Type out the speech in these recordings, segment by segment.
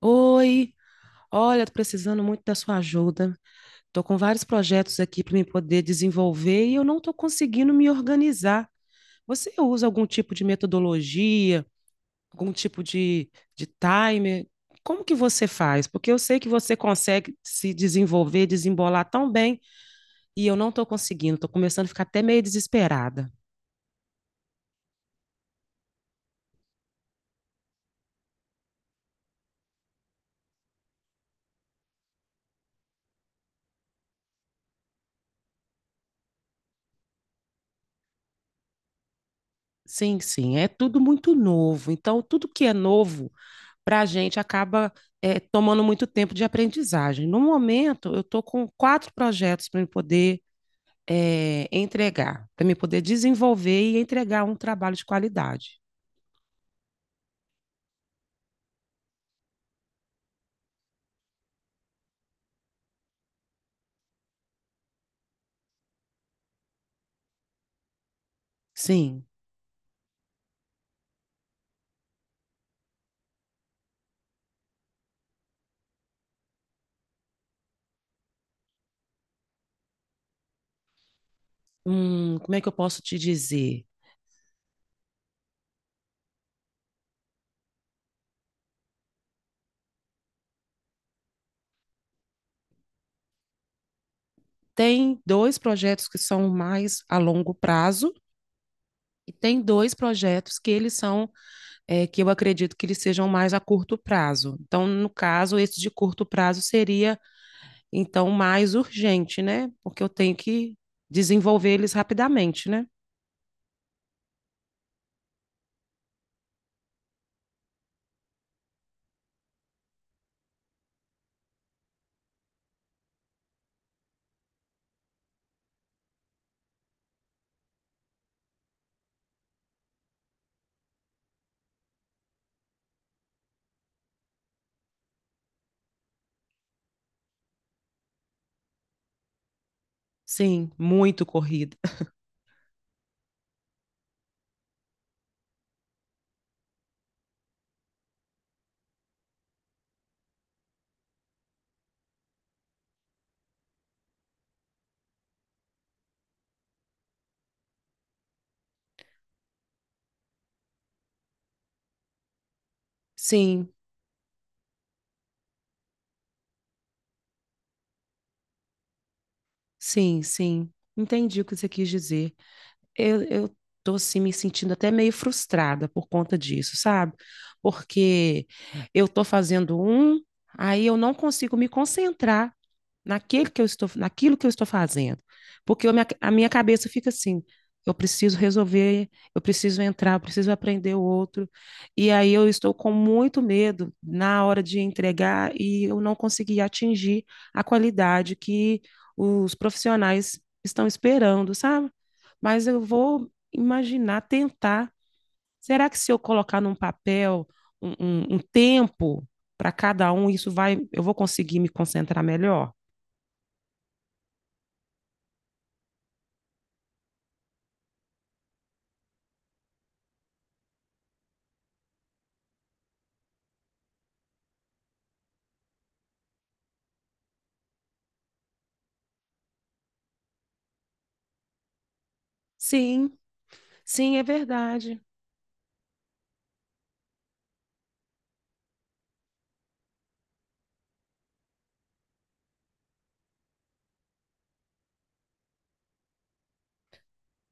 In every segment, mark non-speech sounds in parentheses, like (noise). Oi, olha, tô precisando muito da sua ajuda. Tô com vários projetos aqui para me poder desenvolver e eu não tô conseguindo me organizar. Você usa algum tipo de metodologia, algum tipo de timer? Como que você faz? Porque eu sei que você consegue se desenvolver, desembolar tão bem e eu não tô conseguindo. Tô começando a ficar até meio desesperada. Sim, sim, é tudo muito novo. Então, tudo que é novo para a gente acaba tomando muito tempo de aprendizagem. No momento, eu estou com quatro projetos para me poder entregar, para me poder desenvolver e entregar um trabalho de qualidade. Sim, como é que eu posso te dizer? Tem dois projetos que são mais a longo prazo e tem dois projetos que eles são, que eu acredito que eles sejam mais a curto prazo. Então, no caso, esse de curto prazo seria. Então, mais urgente, né? Porque eu tenho que desenvolver eles rapidamente, né? Sim, muito corrida. (laughs) Sim, sim, sim. Entendi o que você quis dizer. Eu tô assim me sentindo até meio frustrada por conta disso, sabe? Porque eu tô fazendo um, aí eu não consigo me concentrar naquele que eu estou, naquilo que eu estou fazendo. Porque eu, a minha cabeça fica assim, eu preciso resolver, eu preciso entrar, eu preciso aprender o outro. E aí eu estou com muito medo na hora de entregar e eu não consegui atingir a qualidade que os profissionais estão esperando, sabe? Mas eu vou imaginar, tentar. Será que se eu colocar num papel um tempo para cada um, isso vai, eu vou conseguir me concentrar melhor? Sim, sim, é verdade.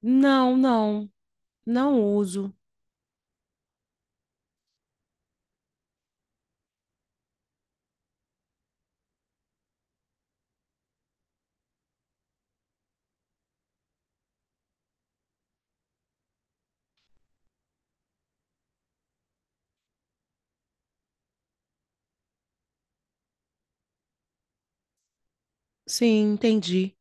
Não, não, não uso. Sim, entendi.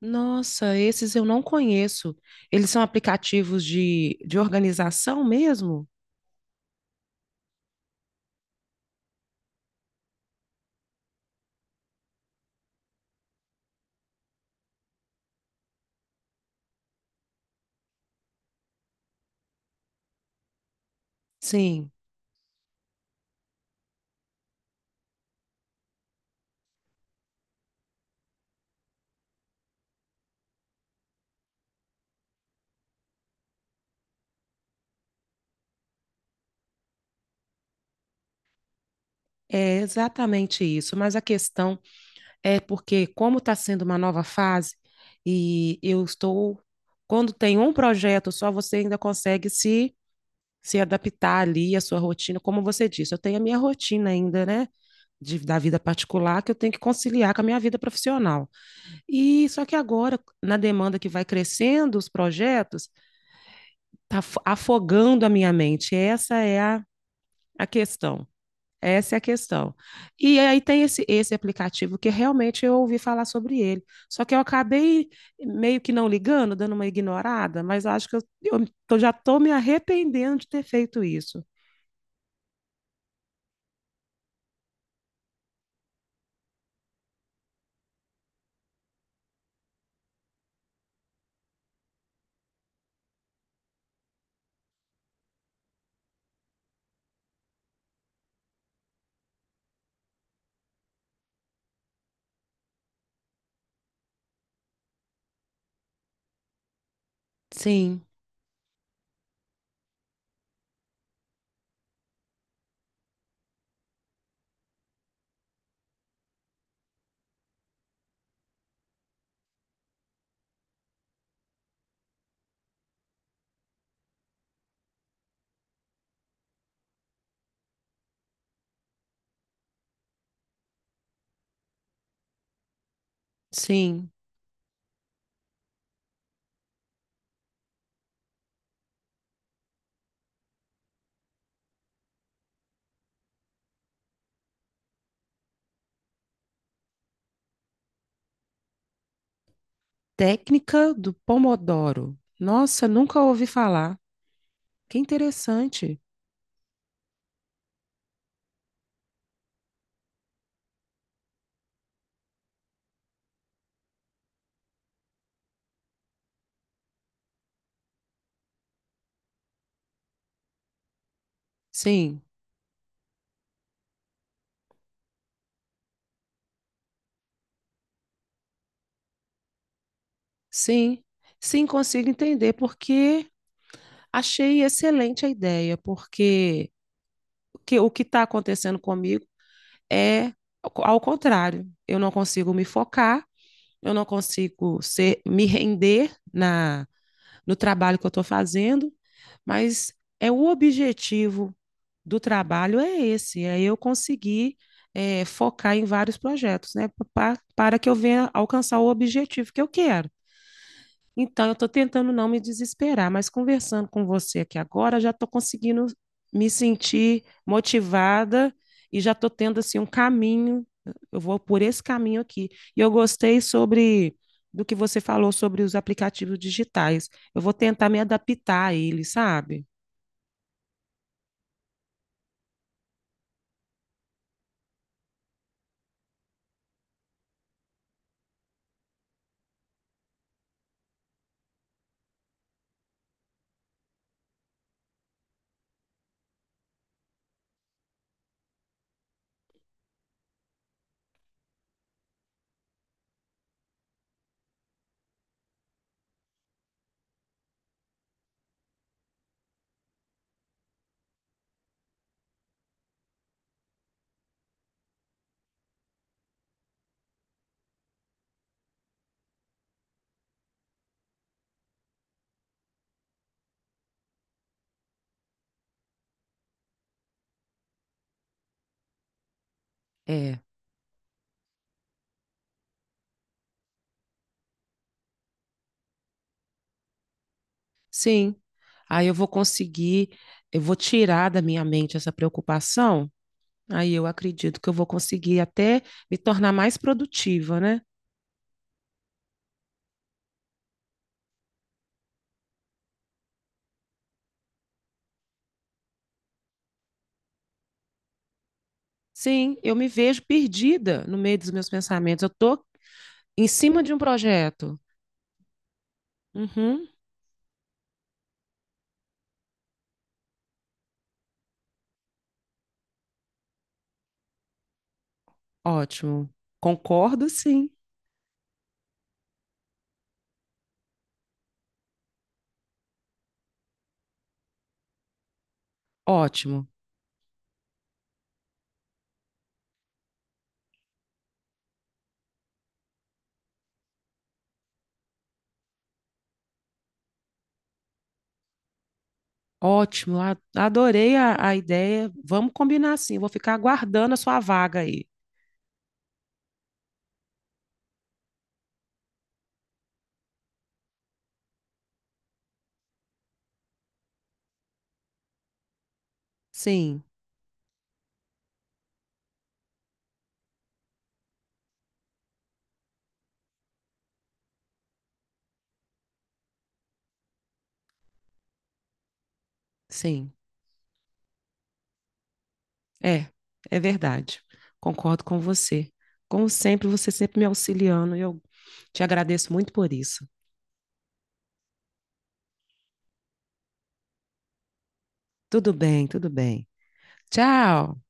Nossa, esses eu não conheço. Eles são aplicativos de organização mesmo? Sim, é exatamente isso. Mas a questão é porque, como está sendo uma nova fase, e eu estou. Quando tem um projeto só, você ainda consegue se, se adaptar ali à sua rotina. Como você disse, eu tenho a minha rotina ainda, né? De, da vida particular que eu tenho que conciliar com a minha vida profissional. E só que agora, na demanda que vai crescendo, os projetos, tá afogando a minha mente. Essa é a questão. Essa é a questão. E aí tem esse aplicativo que realmente eu ouvi falar sobre ele. Só que eu acabei meio que não ligando, dando uma ignorada, mas acho que eu tô, já estou me arrependendo de ter feito isso. Sim, sim. Técnica do Pomodoro. Nossa, nunca ouvi falar. Que interessante. Sim, sim, sim, consigo entender, porque achei excelente a ideia, porque o que está acontecendo comigo é ao ao contrário. Eu não consigo me focar, eu não consigo ser, me render na, no trabalho que eu estou fazendo, mas é o objetivo do trabalho é esse, é eu conseguir focar em vários projetos, né, para que eu venha alcançar o objetivo que eu quero. Então, eu estou tentando não me desesperar, mas conversando com você aqui agora, já estou conseguindo me sentir motivada e já estou tendo assim um caminho. Eu vou por esse caminho aqui. E eu gostei sobre do que você falou sobre os aplicativos digitais. Eu vou tentar me adaptar a eles, sabe? É, Sim. Aí eu vou conseguir, eu vou tirar da minha mente essa preocupação. Aí eu acredito que eu vou conseguir até me tornar mais produtiva, né? Sim, eu me vejo perdida no meio dos meus pensamentos. Eu tô em cima de um projeto. Uhum, ótimo. Concordo, sim. Ótimo. Ótimo. A- Adorei a ideia. Vamos combinar sim. Eu Vou ficar aguardando a sua vaga aí. Sim, sim. É, é verdade. Concordo com você. Como sempre, você sempre me auxiliando e eu te agradeço muito por isso. Tudo bem, tudo bem. Tchau.